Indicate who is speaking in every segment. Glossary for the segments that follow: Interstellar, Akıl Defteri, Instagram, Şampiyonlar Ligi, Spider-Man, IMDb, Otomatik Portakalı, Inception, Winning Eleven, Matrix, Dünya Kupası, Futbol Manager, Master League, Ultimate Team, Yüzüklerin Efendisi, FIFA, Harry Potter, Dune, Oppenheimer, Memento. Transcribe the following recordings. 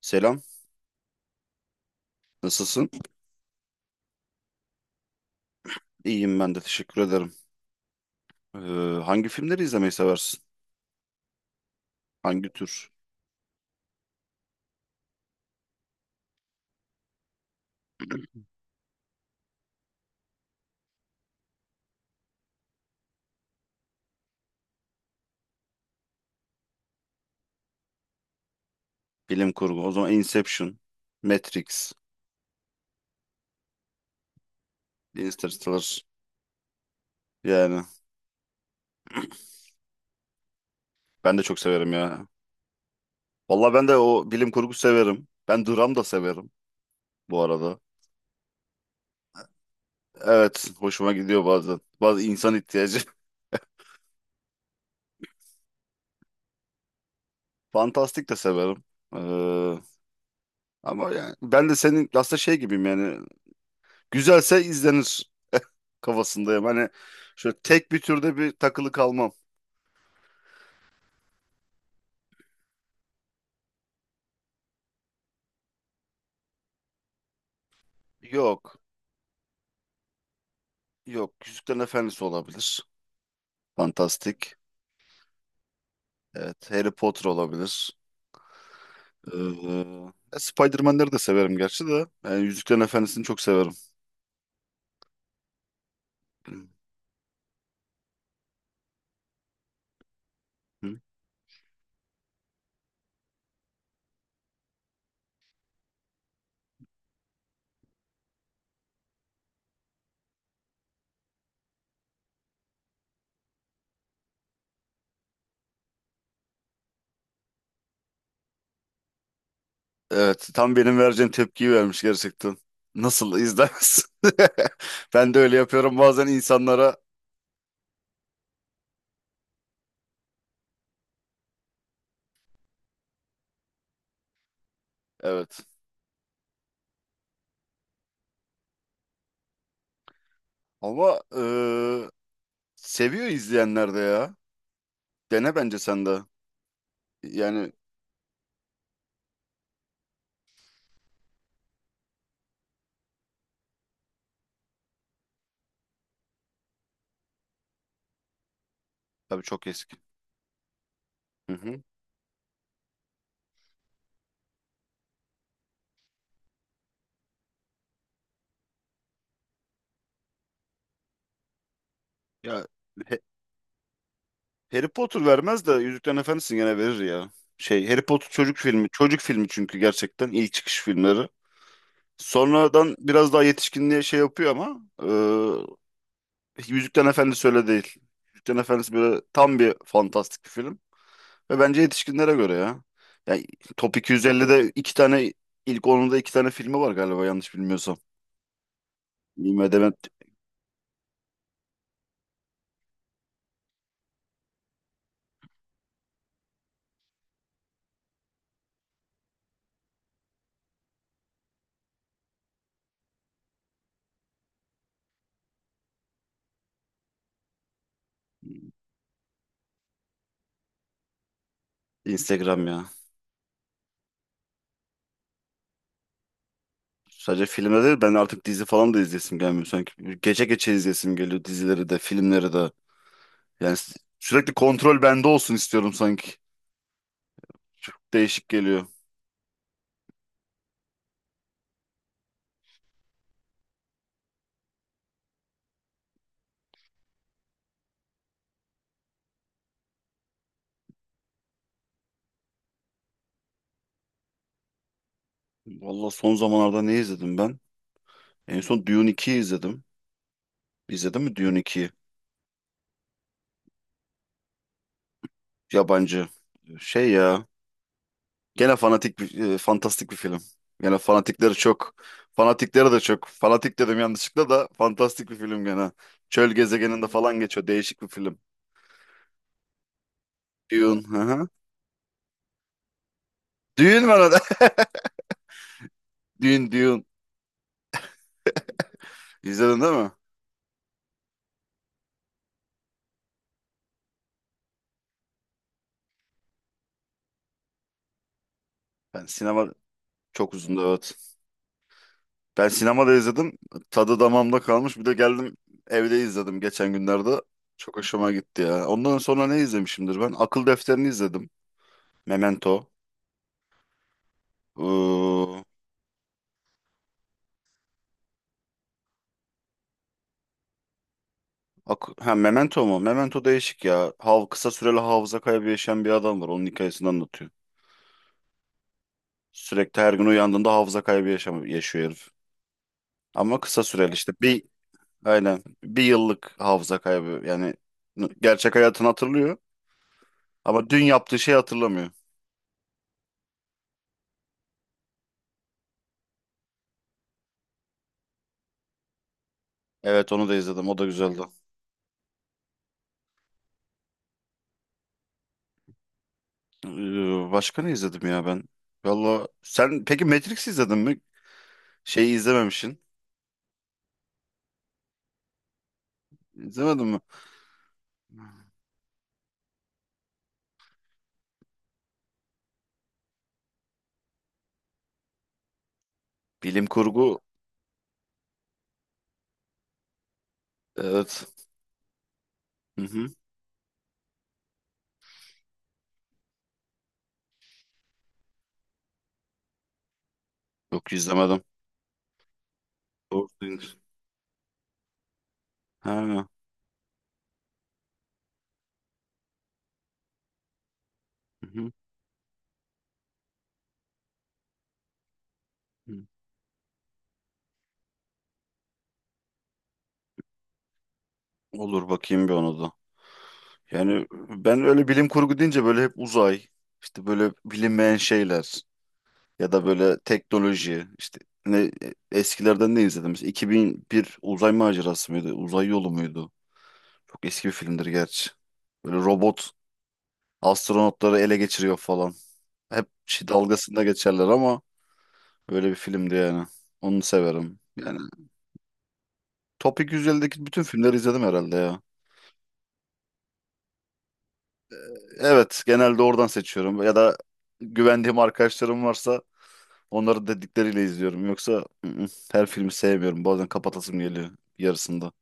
Speaker 1: Selam, nasılsın? İyiyim ben de teşekkür ederim. Ee, Hangi filmleri izlemeyi seversin? Hangi tür? Bilim kurgu. O zaman Inception, Matrix, Interstellar. Yani ben de çok severim ya. Vallahi ben de o bilim kurgu severim. Ben dram da severim bu arada. Evet, hoşuma gidiyor bazen. Bazı insan ihtiyacı. Fantastik de severim. Ee, Ama yani ben de senin aslında şey gibiyim yani. Güzelse izlenir kafasındayım. Hani şöyle tek bir türde bir takılı kalmam. Yok. Yok. Yüzüklerin Efendisi olabilir. Fantastik. Evet. Harry Potter olabilir. Ee, Spider-Man'leri de severim gerçi de. Yani Yüzüklerin Efendisi'ni çok severim. Hı. Evet. Tam benim vereceğim tepkiyi vermiş gerçekten. Nasıl izlemez? Ben de öyle yapıyorum bazen insanlara. Evet. Ama seviyor izleyenler de ya. Dene bence sen de. Yani tabii çok eski. Hı hı. Ya Harry Potter vermez de Yüzüklerin Efendisi gene verir ya. Şey Harry Potter çocuk filmi. Çocuk filmi çünkü gerçekten ilk çıkış filmleri. Sonradan biraz daha yetişkinliğe şey yapıyor ama Yüzüklerin Efendisi öyle değil. Yüzüklerin Efendisi böyle tam bir fantastik bir film. Ve bence yetişkinlere göre ya. Yani Top 250'de iki tane ilk 10'unda iki tane filmi var galiba yanlış bilmiyorsam. IMDb, Instagram ya. Sadece filmde değil ben artık dizi falan da izlesim gelmiyor sanki. Gece gece izlesim geliyor dizileri de filmleri de. Yani s- Sürekli kontrol bende olsun istiyorum sanki. Çok değişik geliyor. Valla son zamanlarda ne izledim ben? En son Dune 2'yi izledim. İzledin mi Dune 2'yi? Yabancı. Şey ya. Gene fantastik bir film. Gene fanatikleri çok. Fanatikleri de çok. Fanatik dedim yanlışlıkla da fantastik bir film gene. Çöl gezegeninde falan geçiyor. Değişik bir film. Dune. Hı hı. Dune var orada. Dune, Dune. İzledin değil mi? Ben sinema Çok uzundu evet. Ben sinemada izledim. Tadı damağımda kalmış. Bir de geldim evde izledim geçen günlerde. Çok hoşuma gitti ya. Ondan sonra ne izlemişimdir ben? Akıl Defterini izledim. Memento. Iıı, ha, Memento mu? Memento değişik ya. Hav kısa süreli hafıza kaybı yaşayan bir adam var. Onun hikayesini anlatıyor. Sürekli her gün uyandığında hafıza kaybı yaşam yaşıyor herif. Ama kısa süreli işte. Aynen bir yıllık hafıza kaybı. Gerçek hayatını hatırlıyor ama dün yaptığı şeyi hatırlamıyor. Evet onu da izledim. O da güzeldi. Başka ne izledim ya ben? Valla sen peki Matrix izledin mi? Şeyi izlememişsin. İzlemedin mi? Bilim kurgu. Evet. Hı hı. Yok izlemedim. Doğru söylüyorsun. Ha. Hı hı. Hı. Olur bakayım bir ona da. Yani ben öyle bilim kurgu deyince böyle hep uzay, işte böyle bilinmeyen şeyler ya da böyle teknoloji işte ne eskilerden ne izledim? Mesela 2001 uzay macerası mıydı? Uzay yolu muydu? Çok eski bir filmdir gerçi. Böyle robot Astronotları ele geçiriyor falan. Hep şey dalgasında geçerler ama öyle bir filmdi yani. Onu severim. Yani Top 250'deki bütün filmleri izledim herhalde ya. Evet, genelde oradan seçiyorum. Ya da güvendiğim arkadaşlarım varsa onların dedikleriyle izliyorum. Yoksa her filmi sevmiyorum. Bazen kapatasım geliyor yarısında.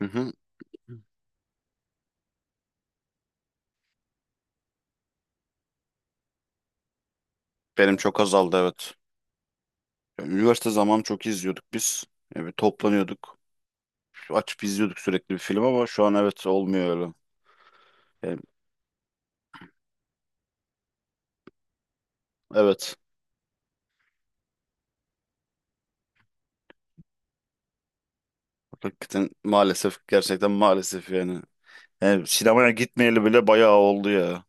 Speaker 1: Hı hı. Benim çok azaldı evet. Ya, üniversite zamanı çok izliyorduk biz. Yani bir toplanıyorduk. Açıp izliyorduk sürekli bir film ama şu an evet olmuyor öyle. Yani, evet. Hakikaten maalesef gerçekten maalesef yani. Yani sinemaya gitmeyeli bile bayağı oldu ya.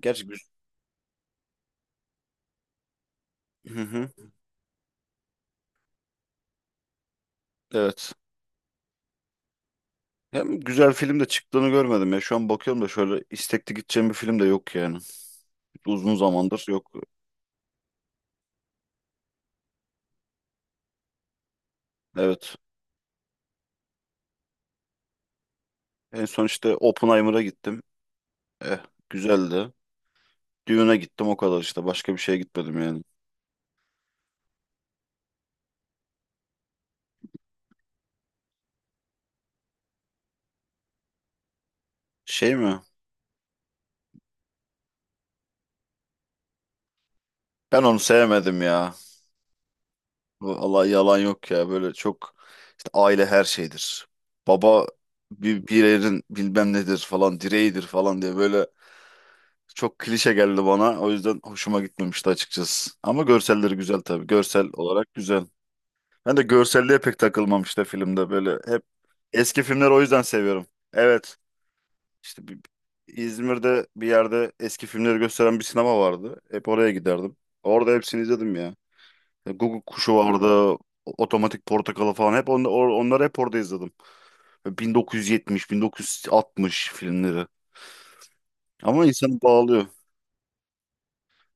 Speaker 1: Gerçi güz- Hı hı, evet. Hem güzel film de çıktığını görmedim ya. Şu an bakıyorum da şöyle istekli gideceğim bir film de yok yani. Uzun zamandır yok. Evet. En son işte Oppenheimer'a gittim. Eh, güzeldi. Düğüne gittim o kadar işte. Başka bir şeye gitmedim yani. Şey mi? Ben onu sevmedim ya. Allah yalan yok ya böyle çok işte aile her şeydir. Baba bir yerin bilmem nedir falan direğidir falan diye böyle çok klişe geldi bana. O yüzden hoşuma gitmemişti açıkçası. Ama görselleri güzel tabii. Görsel olarak güzel. Ben de görselliğe pek takılmam işte filmde böyle hep eski filmleri o yüzden seviyorum. Evet işte bir- İzmir'de bir yerde eski filmleri gösteren bir sinema vardı. Hep oraya giderdim. Orada hepsini izledim ya. Google kuşu vardı. Otomatik Portakalı falan hep onları hep orada izledim. 1970, 1960 filmleri. Ama insanı bağlıyor.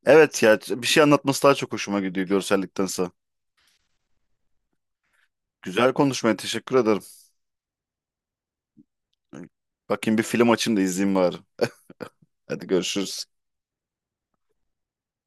Speaker 1: Evet ya bir şey anlatması daha çok hoşuma gidiyor görselliktense. Güzel konuşmaya teşekkür ederim. Bakayım bir film açayım da izleyeyim bari. Hadi görüşürüz.